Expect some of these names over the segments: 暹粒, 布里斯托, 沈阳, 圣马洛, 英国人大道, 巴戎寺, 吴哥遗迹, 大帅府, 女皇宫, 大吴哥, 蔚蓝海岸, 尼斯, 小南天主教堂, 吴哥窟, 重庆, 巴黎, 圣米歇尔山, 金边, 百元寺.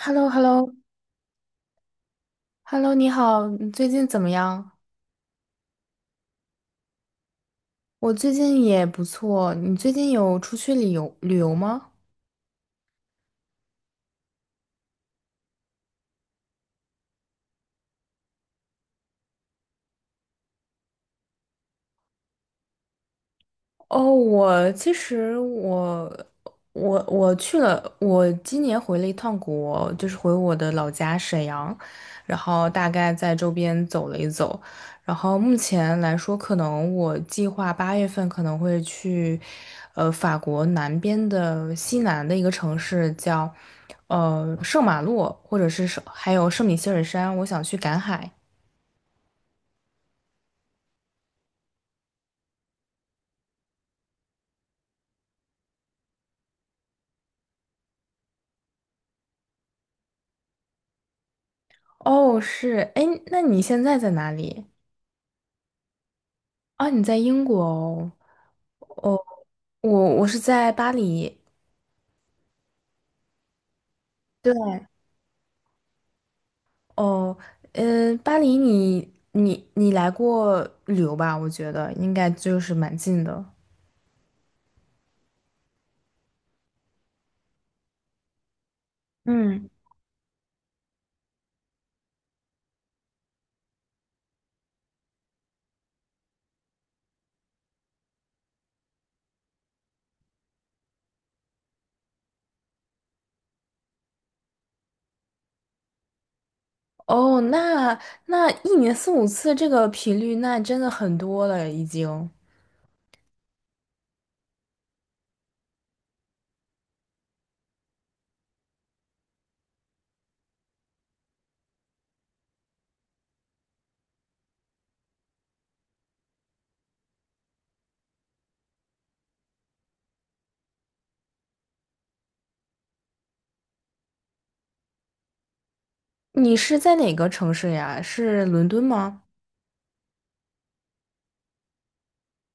h e l l o， h e l l o， h e l l o。 你好，你最近怎么样？我最近也不错，你最近有出去旅游旅游吗？哦，我其实我去了，我今年回了一趟国，就是回我的老家沈阳，然后大概在周边走了一走，然后目前来说，可能我计划8月份可能会去，法国南边的西南的一个城市叫，圣马洛，或者是还有圣米歇尔山，我想去赶海。哦，是，哎，那你现在在哪里？啊，你在英国哦。哦，我是在巴黎。对，哦，嗯，巴黎你来过旅游吧？我觉得应该就是蛮近的。嗯，哦，那一年4、5次这个频率，那真的很多了已经。你是在哪个城市呀？是伦敦吗？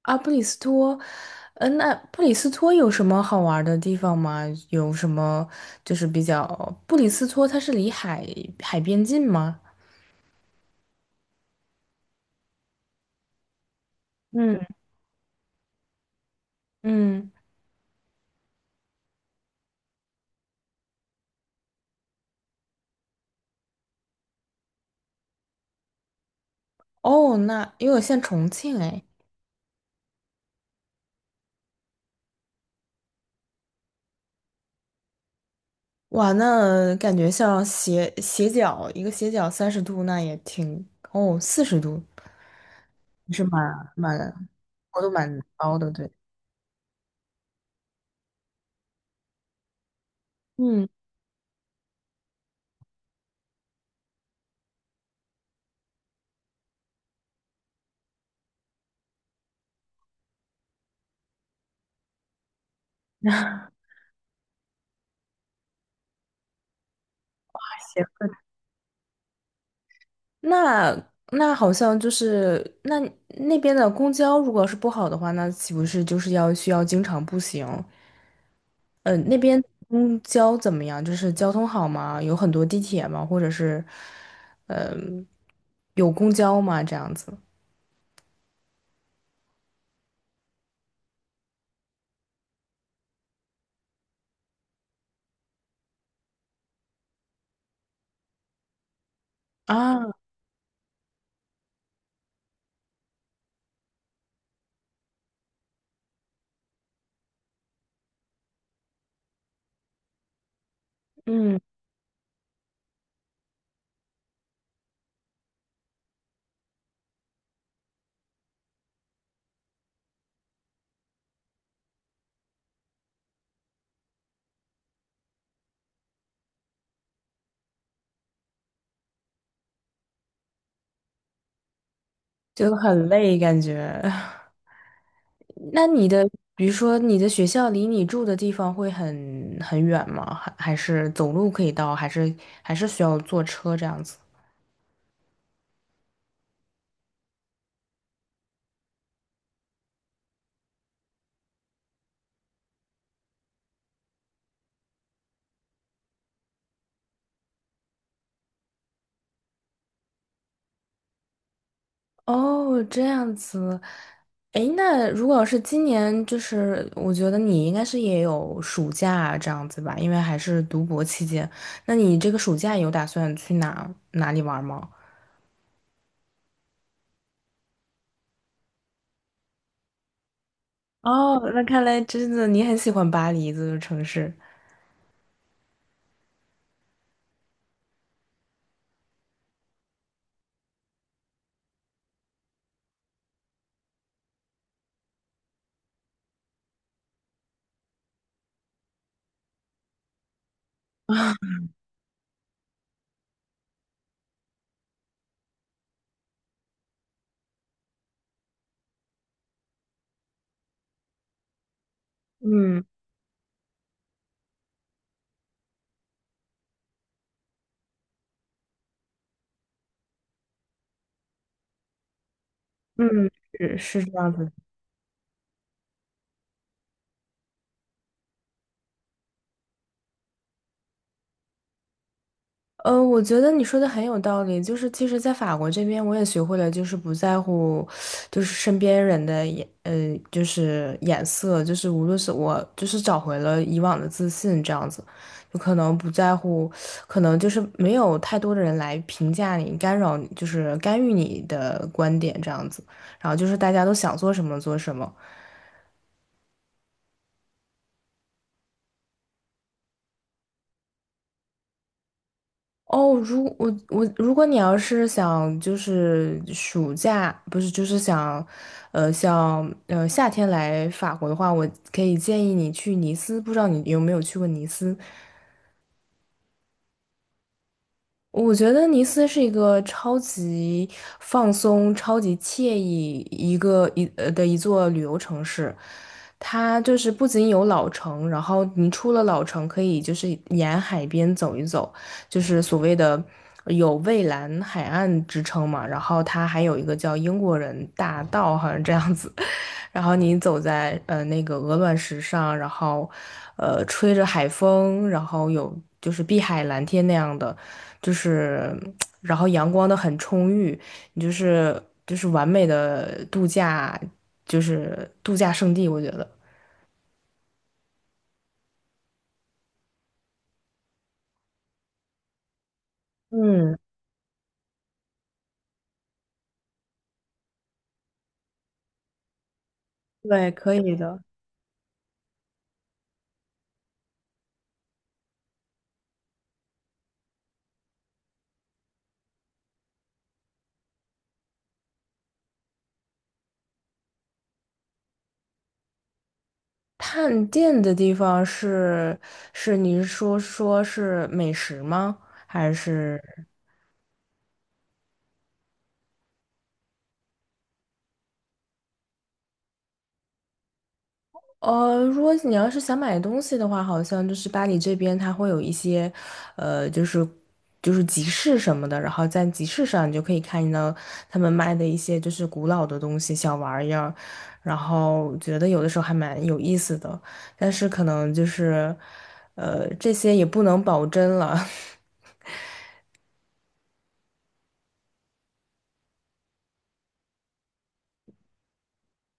啊，布里斯托。嗯，那布里斯托有什么好玩的地方吗？有什么就是比较，布里斯托它是离海边近吗？嗯。嗯，哦，那因为我现在重庆哎，哇，那感觉像斜斜角一个斜角30度，那也挺哦40度，是蛮高度蛮高的，对，嗯，行，那那好像就是那边的公交如果是不好的话，那岂不是就是要需要经常步行？那边公交怎么样？就是交通好吗？有很多地铁吗？或者是，嗯、有公交吗？这样子啊，嗯，就很累感觉。那你的，比如说你的学校离你住的地方会很远吗？还是走路可以到？还是需要坐车这样子？哦，这样子，诶，那如果是今年，就是我觉得你应该是也有暑假啊这样子吧，因为还是读博期间。那你这个暑假有打算去哪里玩吗？哦，那看来真的你很喜欢巴黎这个城市。嗯嗯，是是这样子。我觉得你说的很有道理。就是其实，在法国这边，我也学会了，就是不在乎，就是身边人的眼，就是眼色，就是无论是我，就是找回了以往的自信，这样子，就可能不在乎，可能就是没有太多的人来评价你、干扰你，就是干预你的观点这样子。然后就是大家都想做什么做什么。哦，如我我，如果你要是想就是暑假，不是就是想，像夏天来法国的话，我可以建议你去尼斯，不知道你有没有去过尼斯？我觉得尼斯是一个超级放松、超级惬意一个一呃的一座旅游城市。它就是不仅有老城，然后你出了老城，可以就是沿海边走一走，就是所谓的有蔚蓝海岸之称嘛。然后它还有一个叫英国人大道，好像这样子。然后你走在那个鹅卵石上，然后吹着海风，然后有就是碧海蓝天那样的，就是然后阳光的很充裕，你就是完美的度假，就是度假胜地，我觉得。嗯，对，可以的。探店的地方是你是说是美食吗？还是？如果你要是想买东西的话，好像就是巴黎这边它会有一些，就是就是集市什么的，然后在集市上你就可以看到他们卖的一些就是古老的东西、小玩意儿，然后觉得有的时候还蛮有意思的，但是可能就是，这些也不能保真了。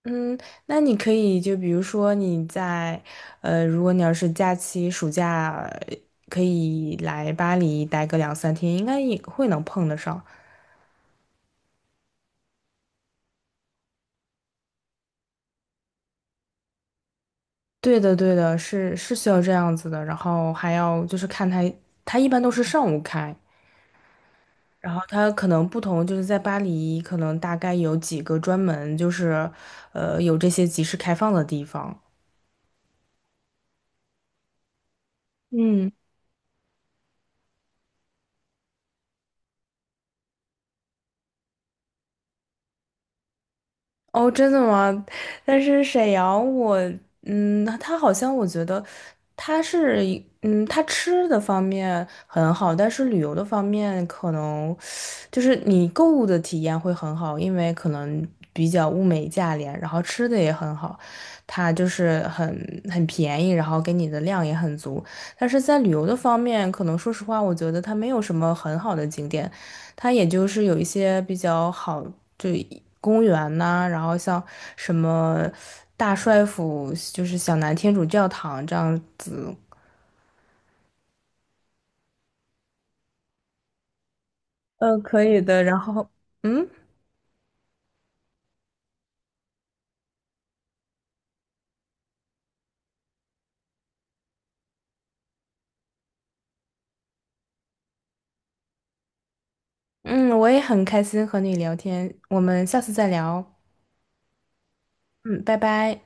嗯，那你可以就比如说你在，如果你要是假期暑假呃可以来巴黎待个2、3天，应该也会能碰得上。对的，对的，是需要这样子的。然后还要就是看它，它一般都是上午开，然后它可能不同，就是在巴黎可能大概有几个专门就是，有这些集市开放的地方。嗯。哦，真的吗？但是沈阳我，他好像我觉得他是他吃的方面很好，但是旅游的方面可能就是你购物的体验会很好，因为可能比较物美价廉，然后吃的也很好，它就是很便宜，然后给你的量也很足。但是在旅游的方面，可能说实话，我觉得它没有什么很好的景点，它也就是有一些比较好，就公园呐、然后像什么大帅府，就是小南天主教堂这样子，嗯，可以的。然后，嗯。嗯，我也很开心和你聊天，我们下次再聊。嗯，拜拜。